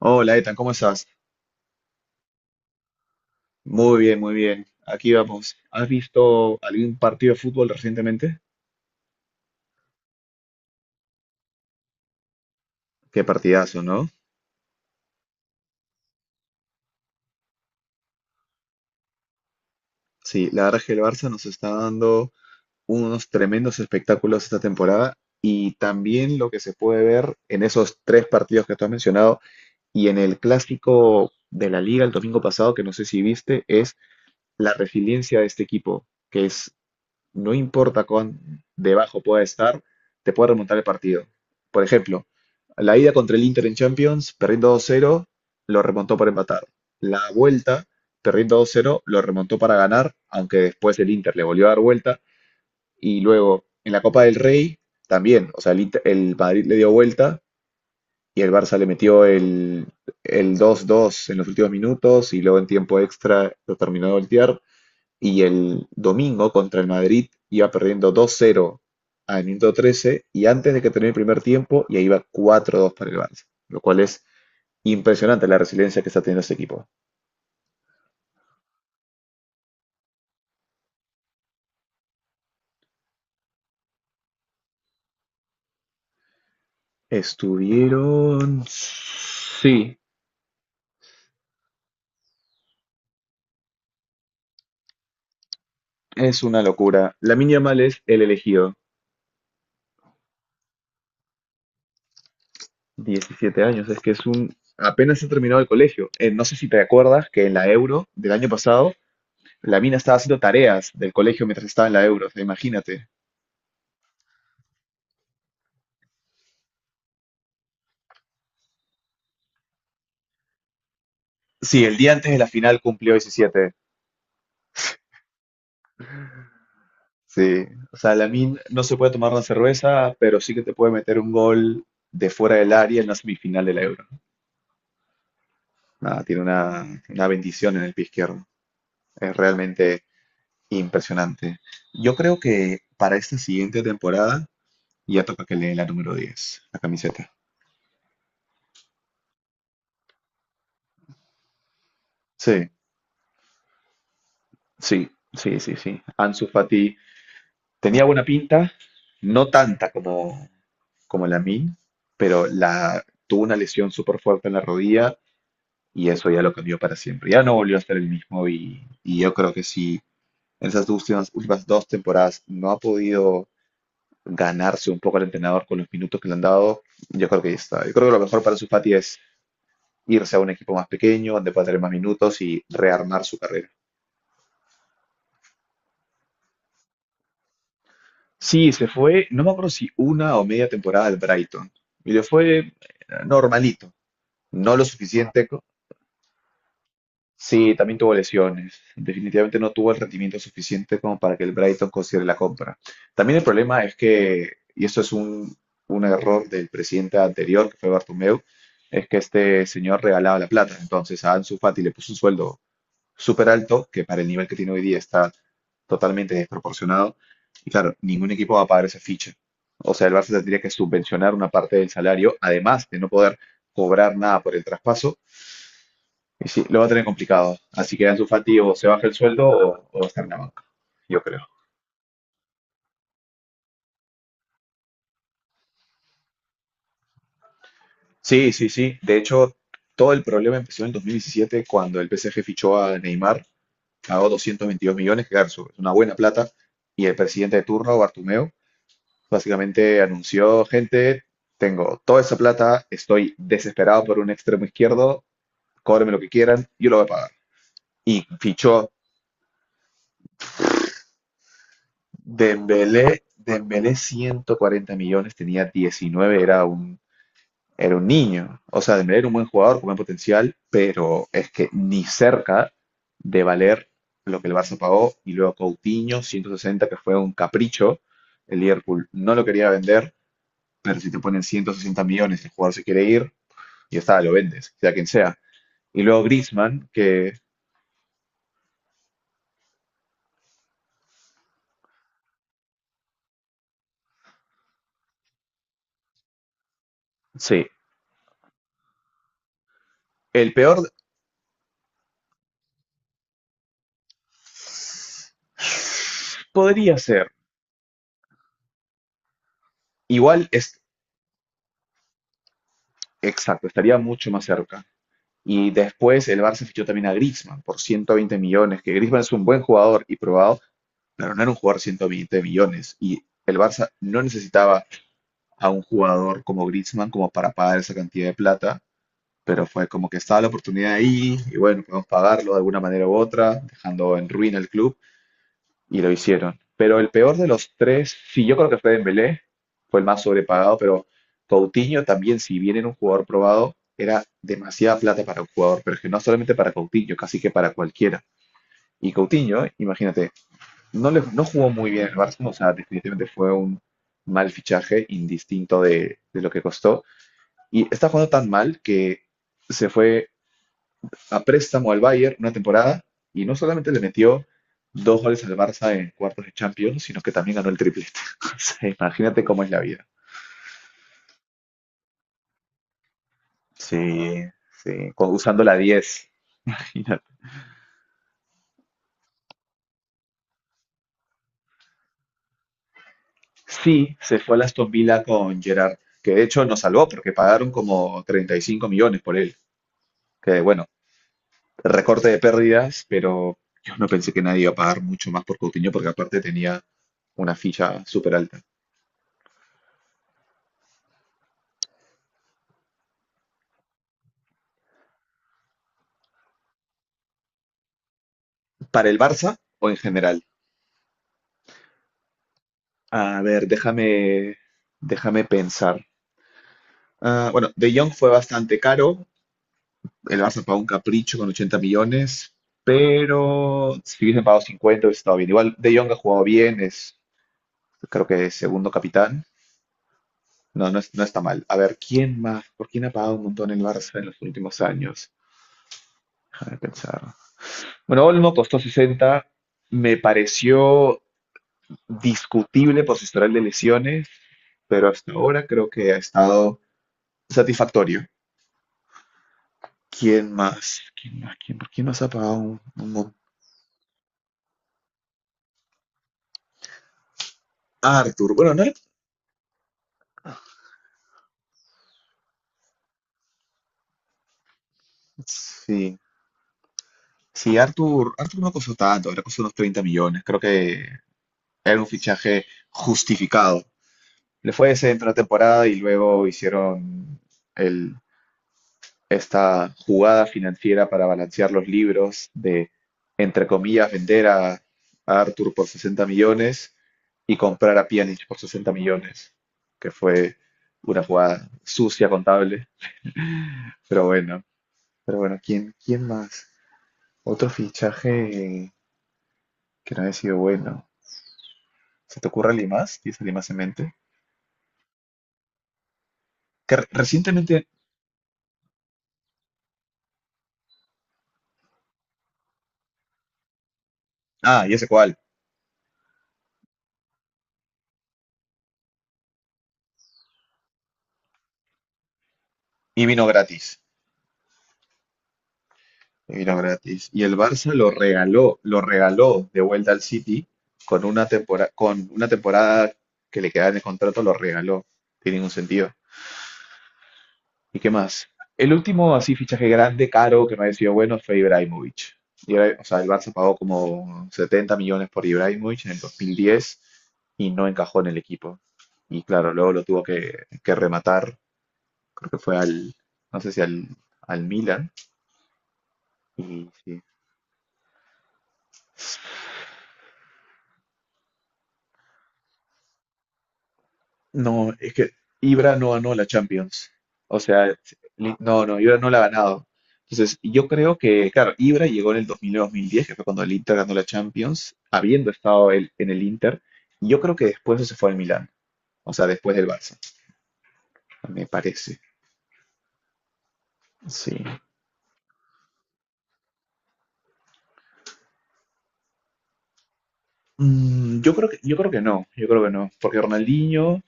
Hola, Ethan, ¿cómo estás? Muy bien, muy bien. Aquí vamos. ¿Has visto algún partido de fútbol recientemente? Qué partidazo, ¿no? Sí, la verdad es que el Barça nos está dando unos tremendos espectáculos esta temporada y también lo que se puede ver en esos tres partidos que tú has mencionado y en el clásico de la Liga el domingo pasado, que no sé si viste, es la resiliencia de este equipo, que es no importa cuán debajo pueda estar, te puede remontar el partido. Por ejemplo, la ida contra el Inter en Champions, perdiendo 2-0, lo remontó para empatar. La vuelta, perdiendo 2-0, lo remontó para ganar, aunque después el Inter le volvió a dar vuelta. Y luego, en la Copa del Rey, también, o sea, el Madrid le dio vuelta y el Barça le metió el 2-2 en los últimos minutos y luego en tiempo extra lo terminó de voltear. Y el domingo contra el Madrid iba perdiendo 2-0 al minuto 13, y antes de que termine el primer tiempo ya iba 4-2 para el Barça, lo cual es impresionante la resiliencia que está teniendo este equipo. Estuvieron... Sí, es una locura. La Yamal es el elegido, 17 años, es que es un... Apenas ha terminado el colegio. No sé si te acuerdas que en la Euro del año pasado, la mina estaba haciendo tareas del colegio mientras estaba en la Euro, o sea, imagínate. Sí, el día antes de la final cumplió 17. Sí, o sea, Lamine no se puede tomar una cerveza, pero sí que te puede meter un gol de fuera del área en la semifinal del Euro, ¿no? Nada, tiene una bendición en el pie izquierdo. Es realmente impresionante. Yo creo que para esta siguiente temporada ya toca que le den la número 10, la camiseta. Sí, sí, sí, sí, sí. Ansu Fati tenía buena pinta, no tanta como, como Lamine, pero tuvo una lesión súper fuerte en la rodilla y eso ya lo cambió para siempre. Ya no volvió a ser el mismo, y yo creo que si en esas últimas, últimas dos temporadas no ha podido ganarse un poco al entrenador con los minutos que le han dado, yo creo que ya está. Yo creo que lo mejor para Fati es irse a un equipo más pequeño, donde pueda tener más minutos y rearmar su carrera. Sí, se fue, no me acuerdo si una o media temporada al Brighton. Y le fue normalito, no lo suficiente. Sí, también tuvo lesiones. Definitivamente no tuvo el rendimiento suficiente como para que el Brighton considere la compra. También el problema es que, y esto es un error del presidente anterior, que fue Bartomeu, es que este señor regalaba la plata. Entonces a Ansu Fati le puso un sueldo súper alto, que para el nivel que tiene hoy día está totalmente desproporcionado. Y claro, ningún equipo va a pagar esa ficha. O sea, el Barça tendría que subvencionar una parte del salario, además de no poder cobrar nada por el traspaso, y sí, lo va a tener complicado. Así que Ansu Fati o se baja el sueldo, o va a estar en la banca, yo creo. Sí, sí, sí. De hecho, todo el problema empezó en el 2017 cuando el PSG fichó a Neymar, pagó 222 millones, que claro, es una buena plata, y el presidente de turno, Bartomeu, básicamente anunció: gente, tengo toda esa plata, estoy desesperado por un extremo izquierdo, cóbreme lo que quieran, yo lo voy a pagar. Y fichó Dembélé. Dembélé 140 millones, tenía 19, era un niño. O sea, Dembélé era un buen jugador con buen potencial, pero es que ni cerca de valer lo que el Barça pagó. Y luego Coutinho, 160, que fue un capricho. El Liverpool no lo quería vender, pero si te ponen 160 millones, el jugador se quiere ir, y está, lo vendes, sea quien sea. Y luego Griezmann, que sí, el peor podría ser. Igual es exacto, estaría mucho más cerca. Y después el Barça fichó también a Griezmann por 120 millones, que Griezmann es un buen jugador y probado, pero no era un jugador de 120 millones. Y el Barça no necesitaba a un jugador como Griezmann como para pagar esa cantidad de plata, pero fue como que estaba la oportunidad ahí y bueno, podemos pagarlo de alguna manera u otra, dejando en ruina el club, y lo hicieron. Pero el peor de los tres, sí, yo creo que fue Dembélé, fue el más sobrepagado, pero Coutinho también, si bien era un jugador probado, era demasiada plata para un jugador, pero es que no solamente para Coutinho, casi que para cualquiera. Y Coutinho, imagínate, no, no jugó muy bien en el Barça, o sea, definitivamente fue un mal fichaje, indistinto de lo que costó. Y está jugando tan mal que se fue a préstamo al Bayern una temporada, y no solamente le metió dos goles al Barça en cuartos de Champions, sino que también ganó el triplete. O sea, imagínate cómo es la vida. Sí, sí, usando la 10. Imagínate. Sí, se fue al Aston Villa con Gerrard, que de hecho nos salvó porque pagaron como 35 millones por él. Que bueno, recorte de pérdidas, pero yo no pensé que nadie iba a pagar mucho más por Coutinho porque aparte tenía una ficha súper alta. ¿Para el Barça o en general? A ver, déjame pensar. Ah, bueno, De Jong fue bastante caro. El Barça pagó un capricho con 80 millones, pero si hubiesen pagado 50, hubiese estado bien. Igual De Jong ha jugado bien, es creo que es segundo capitán. No, no, no está mal. A ver, ¿quién más? ¿Por quién ha pagado un montón el Barça en los últimos años? Déjame pensar. Bueno, Olmo costó 60. Me pareció discutible por su historial de lesiones, pero hasta ahora creo que ha estado satisfactorio. ¿Quién más? ¿Quién más? ¿Quién más ha pagado un mon-. Arthur. Bueno, no era-. Sí. Sí, Arthur, Arthur no costó tanto, le costó unos 30 millones. Creo que era un fichaje justificado. Le fue decente una temporada, y luego hicieron el, esta jugada financiera para balancear los libros de, entre comillas, vender a Arthur por 60 millones y comprar a Pjanic por 60 millones, que fue una jugada sucia, contable. Pero bueno, pero bueno, ¿quién, quién más? Otro fichaje que no haya sido bueno. ¿Se te ocurre alguien más? ¿Tienes alguien más en mente? Que recientemente. Ah, ya sé cuál. Y vino gratis. Y vino gratis. Y el Barça lo regaló de vuelta al City, con una temporada que le quedaba en el contrato, lo regaló. Tiene ningún sentido. ¿Y qué más? El último así fichaje grande, caro, que me ha sido bueno fue Ibrahimovic. Ibra- o sea, el Barça pagó como 70 millones por Ibrahimovic en el 2010 y no encajó en el equipo. Y claro, luego lo tuvo que rematar, creo que fue al, no sé si al, Milan. Y sí, no, es que Ibra no ganó la Champions. O sea, no, no, Ibra no la ha ganado. Entonces, yo creo que, claro, Ibra llegó en el 2009-2010, que fue cuando el Inter ganó la Champions, habiendo estado él en el Inter. Y yo creo que después se fue al Milán. O sea, después del Barça, me parece. Sí. Mm, yo creo que no, yo creo que no. Porque Ronaldinho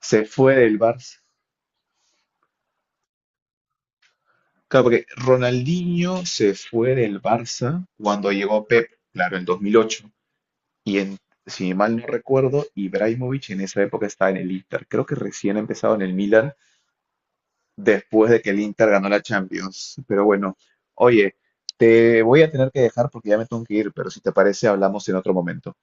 se fue del Barça. Claro, porque Ronaldinho se fue del Barça cuando llegó Pep, claro, en 2008. Y en, si mal no recuerdo, Ibrahimovic en esa época estaba en el Inter. Creo que recién ha empezado en el Milan después de que el Inter ganó la Champions. Pero bueno, oye, te voy a tener que dejar porque ya me tengo que ir, pero si te parece, hablamos en otro momento.